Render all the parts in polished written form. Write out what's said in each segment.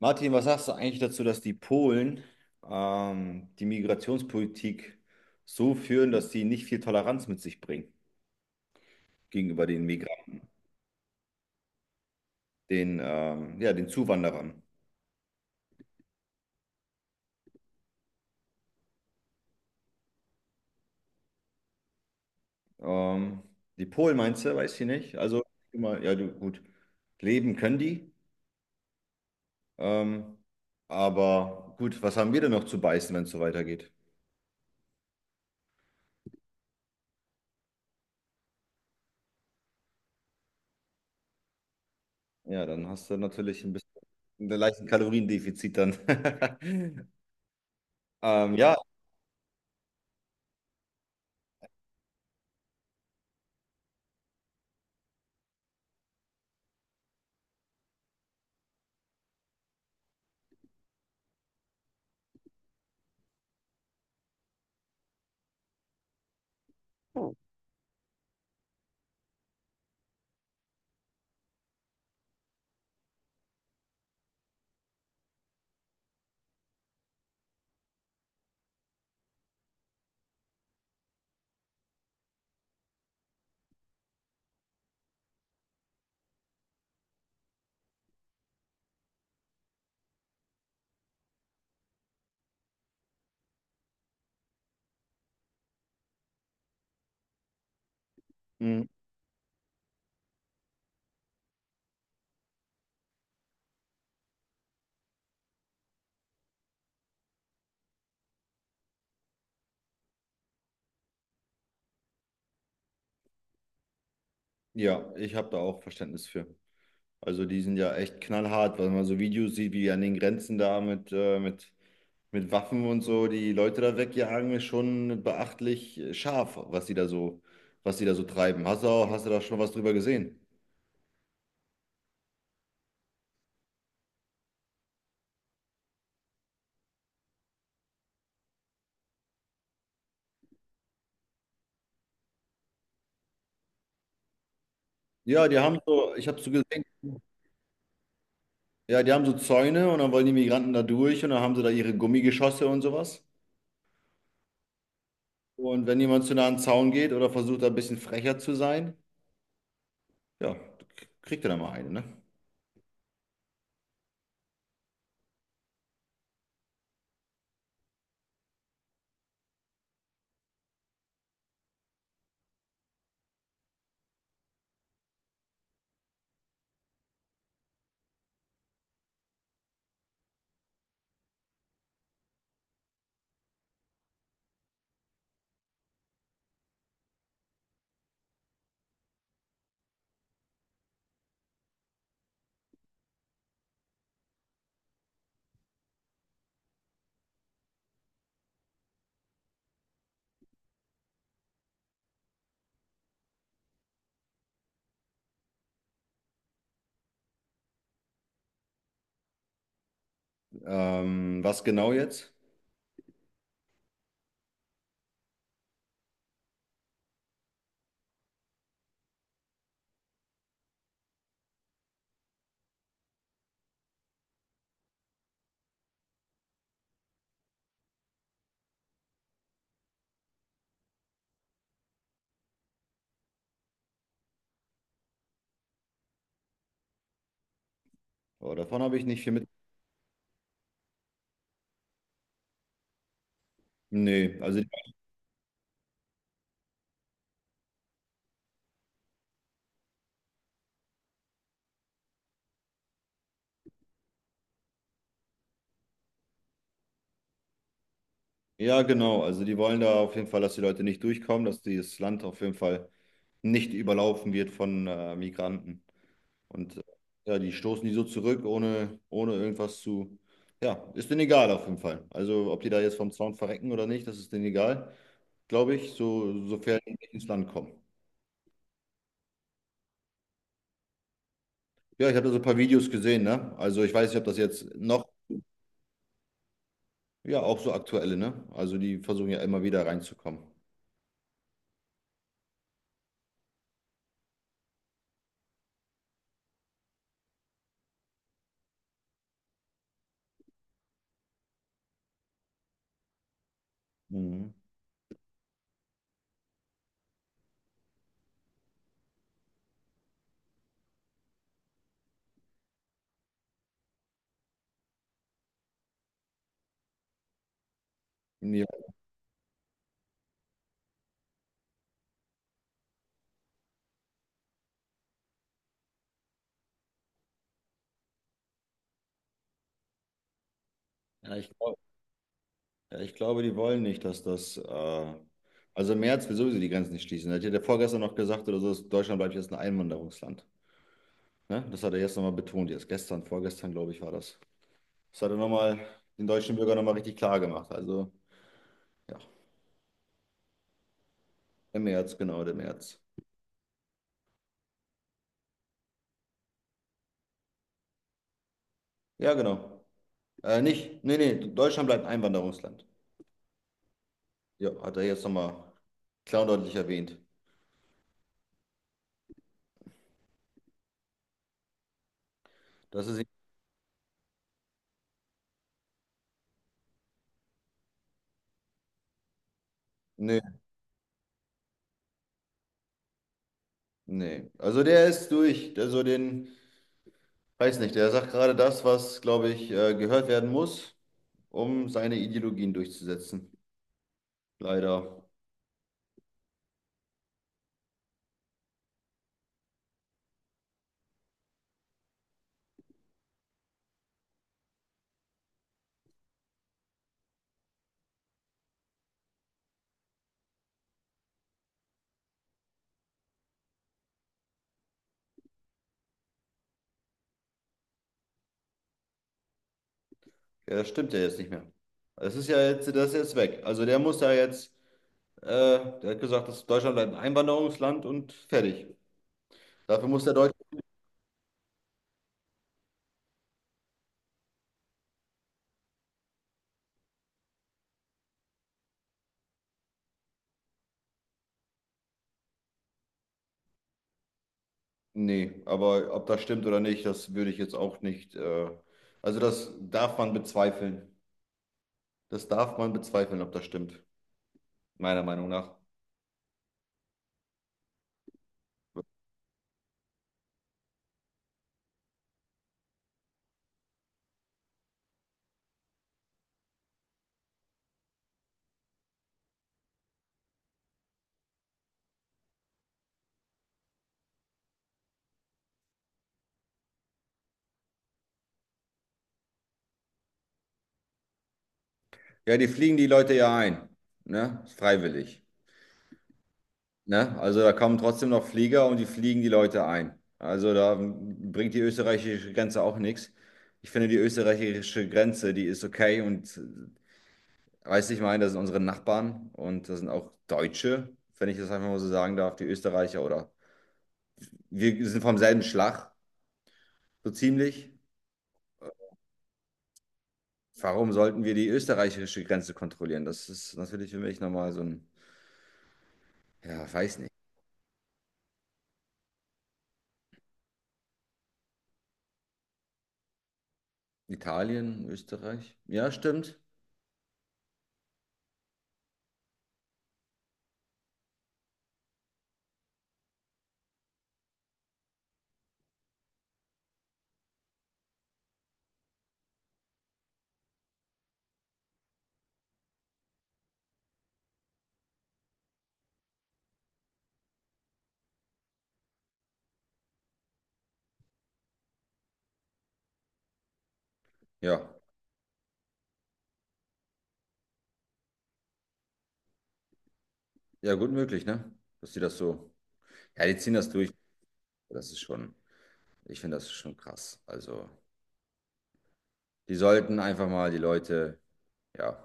Martin, was sagst du eigentlich dazu, dass die Polen die Migrationspolitik so führen, dass sie nicht viel Toleranz mit sich bringen gegenüber den Migranten, den, ja, den Zuwanderern? Ähm, Die Polen meinst du, weiß ich nicht. Also, immer, ja, du, gut, leben können die, ähm, aber gut, was haben wir denn noch zu beißen, wenn es so weitergeht? Ja, dann hast du natürlich ein bisschen einen leichten Kaloriendefizit dann. Ja, mh, ja, ich habe da auch Verständnis für. Also die sind ja echt knallhart, weil man so Videos sieht, wie die an den Grenzen da mit Waffen und so die Leute da wegjagen, ist schon beachtlich scharf, was die da so, was die da so treiben. Hast du, hast du da schon was drüber gesehen? Ja, die haben so, ich habe so gesehen, ja, die haben so Zäune und dann wollen die Migranten da durch und dann haben sie da ihre Gummigeschosse und sowas. Und wenn jemand zu nah an den Zaun geht oder versucht, da ein bisschen frecher zu sein, ja, kriegt er da mal eine, ne? Was genau jetzt? Oh, davon habe ich nicht viel. Nee, also ja, genau. Also die wollen da auf jeden Fall, dass die Leute nicht durchkommen, dass dieses Land auf jeden Fall nicht überlaufen wird von Migranten. Und ja, die stoßen die so zurück, ohne, ohne irgendwas zu. Ja, ist denen egal auf jeden Fall. Also ob die da jetzt vom Zaun verrecken oder nicht, das ist denen egal, glaube ich, so, sofern die nicht ins Land kommen. Ja, ich habe da so ein paar Videos gesehen, ne? Also ich weiß nicht, ob das jetzt noch, ja, auch so aktuelle, ne? Also die versuchen ja immer wieder reinzukommen. Mhm. Ja, ja, ich glaube. Ja, ich glaube, die wollen nicht, dass das. Also im März will sowieso die Grenzen nicht schließen. Da hat ja der vorgestern noch gesagt oder so, dass Deutschland bleibt jetzt ein Einwanderungsland. Ne? Das hat er jetzt nochmal betont. Jetzt gestern, vorgestern, glaube ich, war das. Das hat er nochmal den deutschen Bürgern nochmal richtig klar gemacht. Also, ja, im März, genau, der März. Ja, genau. Nicht, nee, nee, Deutschland bleibt ein Einwanderungsland. Ja, hat er jetzt nochmal klar und deutlich erwähnt. Das ist. Nee, nee. Also der ist durch. Der so den. Weiß nicht, er sagt gerade das, was, glaube ich, gehört werden muss, um seine Ideologien durchzusetzen. Leider. Ja, das stimmt ja jetzt nicht mehr. Das ist ja jetzt, das ist jetzt weg. Also der muss da jetzt, äh, der hat gesagt, dass Deutschland bleibt ein Einwanderungsland und fertig. Dafür muss der Deutsche. Nee, aber ob das stimmt oder nicht, das würde ich jetzt auch nicht. Also das darf man bezweifeln. Das darf man bezweifeln, ob das stimmt, meiner Meinung nach. Ja, die fliegen die Leute ja ein, ne? Freiwillig. Ne? Also da kommen trotzdem noch Flieger und die fliegen die Leute ein. Also da bringt die österreichische Grenze auch nichts. Ich finde, die österreichische Grenze, die ist okay und weiß ich meine, das sind unsere Nachbarn und das sind auch Deutsche, wenn ich das einfach mal so sagen darf, die Österreicher oder wir sind vom selben Schlag, so ziemlich. Warum sollten wir die österreichische Grenze kontrollieren? Das ist natürlich für mich nochmal so ein, ja, weiß nicht. Italien, Österreich? Ja, stimmt. Ja, ja, gut möglich, ne? Dass sie das so. Ja, die ziehen das durch. Das ist schon, ich finde das ist schon krass. Also, die sollten einfach mal die Leute, ja,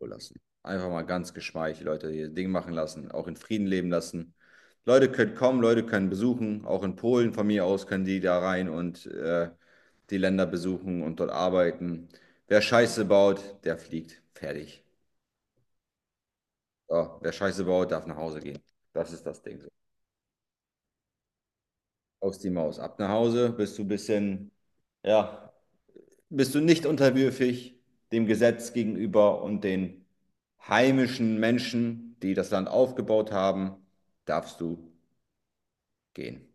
Ruhe lassen. Einfach mal ganz geschmeidig die Leute ihr Ding machen lassen, auch in Frieden leben lassen. Leute können kommen, Leute können besuchen. Auch in Polen von mir aus können die da rein und die Länder besuchen und dort arbeiten. Wer Scheiße baut, der fliegt. Fertig. So, wer Scheiße baut, darf nach Hause gehen. Das ist das Ding. Aus die Maus. Ab nach Hause, bist du ein bisschen. Ja, bist du nicht unterwürfig dem Gesetz gegenüber und den heimischen Menschen, die das Land aufgebaut haben, darfst du gehen.